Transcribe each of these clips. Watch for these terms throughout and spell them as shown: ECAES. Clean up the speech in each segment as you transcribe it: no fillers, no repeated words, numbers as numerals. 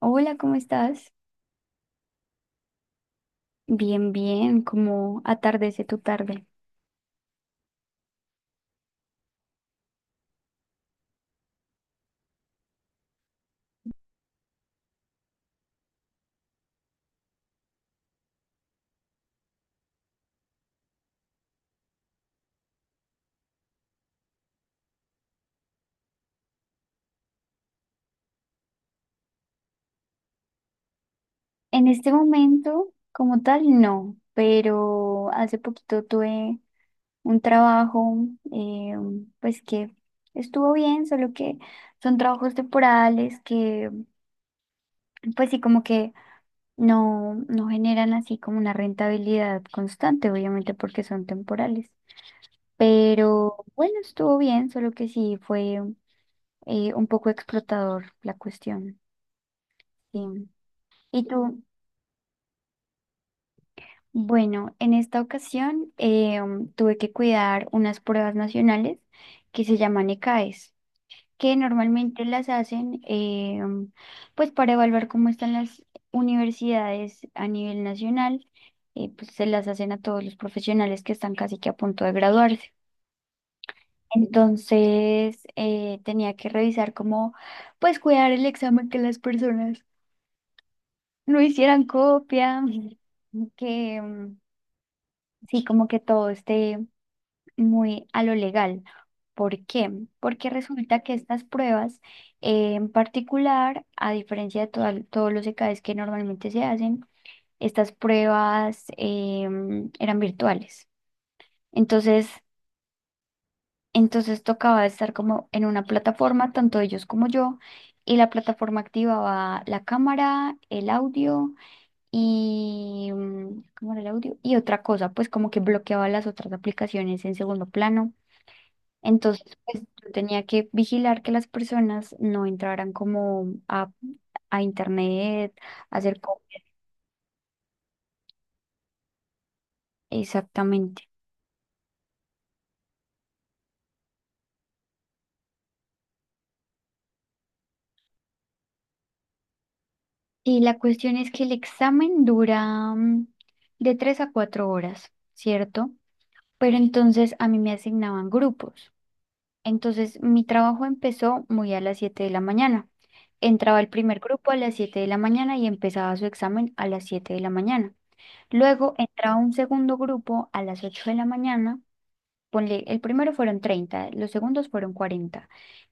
Hola, ¿cómo estás? Bien, bien, ¿cómo atardece tu tarde? En este momento, como tal, no, pero hace poquito tuve un trabajo, eh, pues que estuvo bien, solo que son trabajos temporales que, pues sí, como que no generan así como una rentabilidad constante, obviamente porque son temporales. Pero bueno, estuvo bien, solo que sí fue un poco explotador la cuestión. Sí. Y tú, bueno, en esta ocasión tuve que cuidar unas pruebas nacionales que se llaman ECAES, que normalmente las hacen pues para evaluar cómo están las universidades a nivel nacional, pues se las hacen a todos los profesionales que están casi que a punto de graduarse. Entonces tenía que revisar cómo pues cuidar el examen que las personas no hicieran copia, que... um, sí, como que todo esté muy a lo legal. ¿Por qué? Porque resulta que estas pruebas en particular, a diferencia de todos los EKs que normalmente se hacen, estas pruebas eran virtuales. Entonces, entonces, tocaba estar como en una plataforma, tanto ellos como yo, y la plataforma activaba la cámara, el audio y ¿cómo era el audio? Y otra cosa, pues como que bloqueaba las otras aplicaciones en segundo plano. Entonces, pues yo tenía que vigilar que las personas no entraran como a internet, a hacer copias. Exactamente. Y la cuestión es que el examen dura de tres a cuatro horas, ¿cierto? Pero entonces a mí me asignaban grupos. Entonces mi trabajo empezó muy a las 7 de la mañana. Entraba el primer grupo a las 7 de la mañana y empezaba su examen a las 7 de la mañana. Luego entraba un segundo grupo a las 8 de la mañana. Ponle, el primero fueron 30, los segundos fueron 40.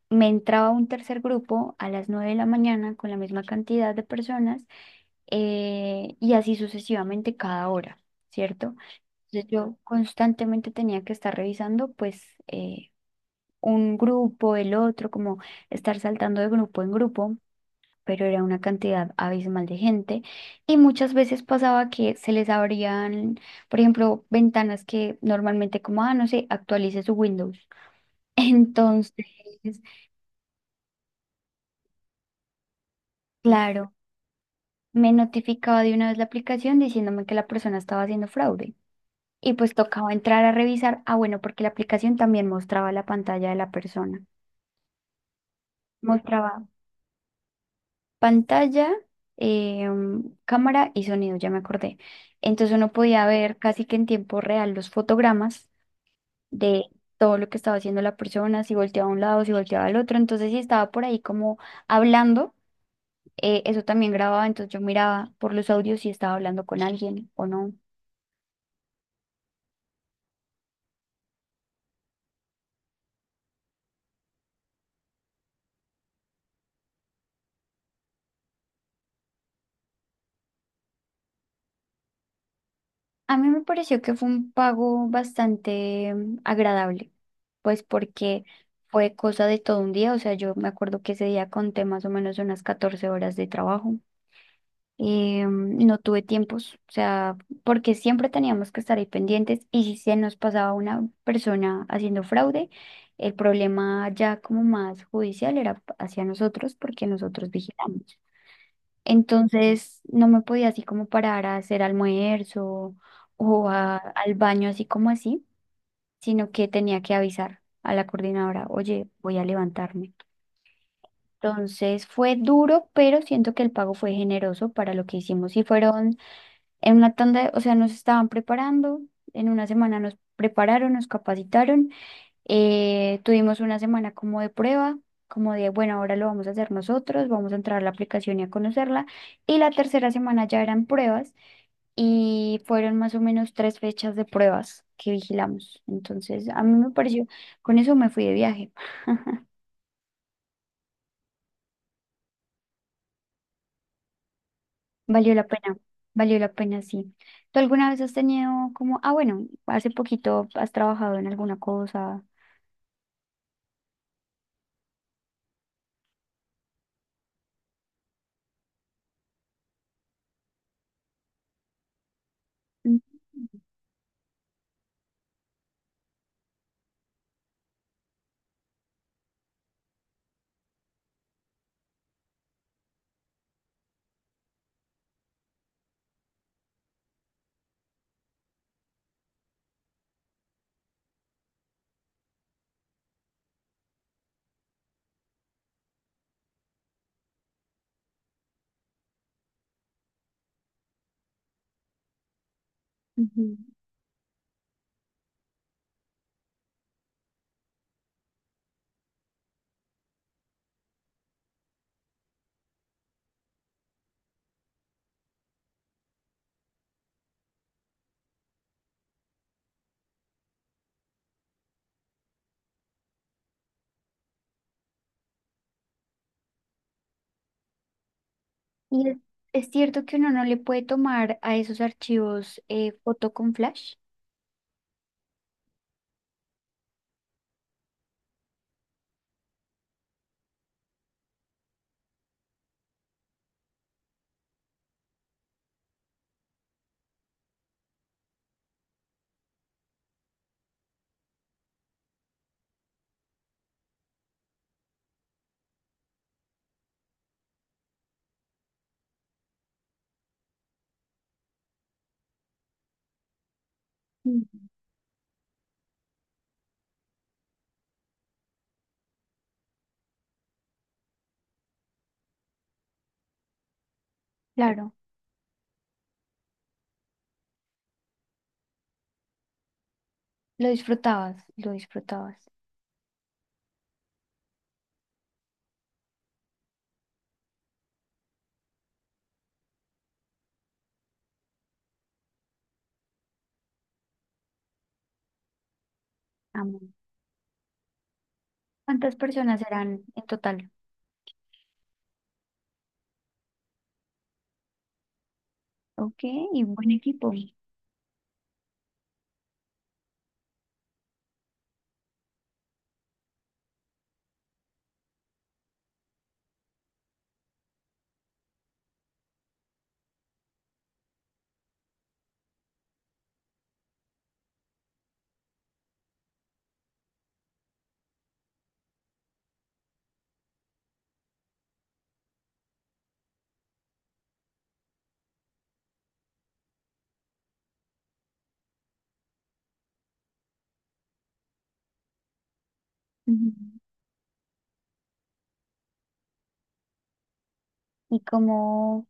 Me entraba un tercer grupo a las 9 de la mañana con la misma cantidad de personas, y así sucesivamente cada hora, ¿cierto? Entonces yo constantemente tenía que estar revisando pues un grupo, el otro, como estar saltando de grupo en grupo, pero era una cantidad abismal de gente y muchas veces pasaba que se les abrían, por ejemplo, ventanas que normalmente como, ah, no sé, actualice su Windows. Entonces, claro, me notificaba de una vez la aplicación diciéndome que la persona estaba haciendo fraude. Y pues tocaba entrar a revisar, ah, bueno, porque la aplicación también mostraba la pantalla de la persona. Mostraba pantalla, eh, cámara y sonido, ya me acordé. Entonces uno podía ver casi que en tiempo real los fotogramas de todo lo que estaba haciendo la persona, si volteaba a un lado, si volteaba al otro. Entonces, si estaba por ahí como hablando, eso también grababa, entonces yo miraba por los audios si estaba hablando con alguien o no. A mí me pareció que fue un pago bastante agradable, pues porque fue cosa de todo un día, o sea, yo me acuerdo que ese día conté más o menos unas 14 horas de trabajo. No tuve tiempos, o sea, porque siempre teníamos que estar ahí pendientes y si se nos pasaba una persona haciendo fraude, el problema ya como más judicial era hacia nosotros porque nosotros vigilamos. Entonces no me podía así como parar a hacer almuerzo o al baño así como así, sino que tenía que avisar a la coordinadora, oye, voy a levantarme. Entonces fue duro, pero siento que el pago fue generoso para lo que hicimos. Y fueron en una tanda, o sea, nos estaban preparando, en una semana nos prepararon, nos capacitaron, tuvimos una semana como de prueba, como de, bueno, ahora lo vamos a hacer nosotros, vamos a entrar a la aplicación y a conocerla. Y la tercera semana ya eran pruebas y fueron más o menos tres fechas de pruebas que vigilamos. Entonces, a mí me pareció, con eso me fui de viaje. Valió la pena, valió la pena, sí. ¿Tú alguna vez has tenido como, ah, bueno, hace poquito has trabajado en alguna cosa? Mm. Ujú. Y es cierto que uno no le puede tomar a esos archivos foto con flash. Mm. Claro, lo disfrutabas, lo disfrutabas. Amo. ¿Cuántas personas eran en total? Ok, y buen equipo. Ujú. ¿Y cómo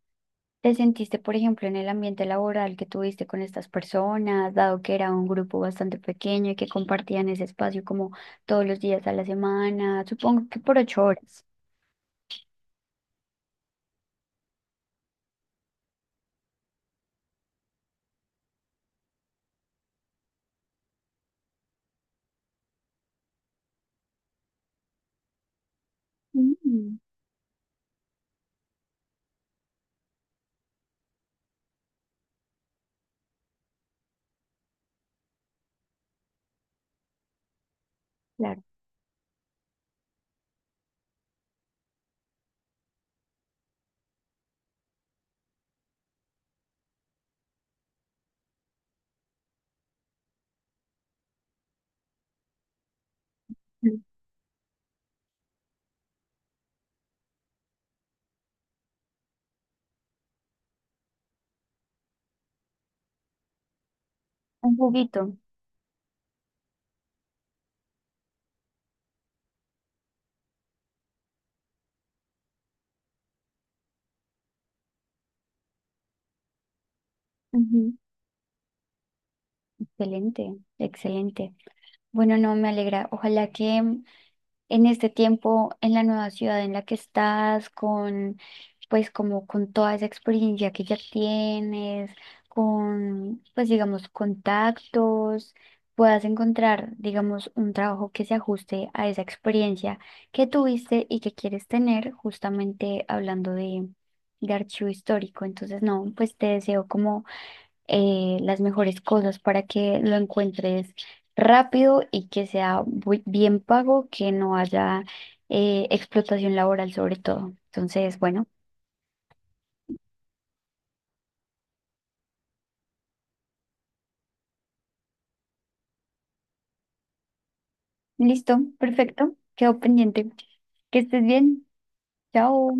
te sentiste, por ejemplo, en el ambiente laboral que tuviste con estas personas, dado que era un grupo bastante pequeño y que compartían ese espacio como todos los días a la semana, supongo que por 8 horas? Mm, claro, un juguito. Excelente, excelente. Bueno, no, me alegra. Ojalá que en este tiempo, en la nueva ciudad en la que estás, con, pues como con toda esa experiencia que ya tienes, con, pues digamos, contactos, puedas encontrar, digamos, un trabajo que se ajuste a esa experiencia que tuviste y que quieres tener, justamente hablando de archivo histórico. Entonces, no, pues te deseo como las mejores cosas para que lo encuentres rápido y que sea bien pago, que no haya explotación laboral sobre todo. Entonces, bueno, listo, perfecto, quedó pendiente. Que estés bien, chao.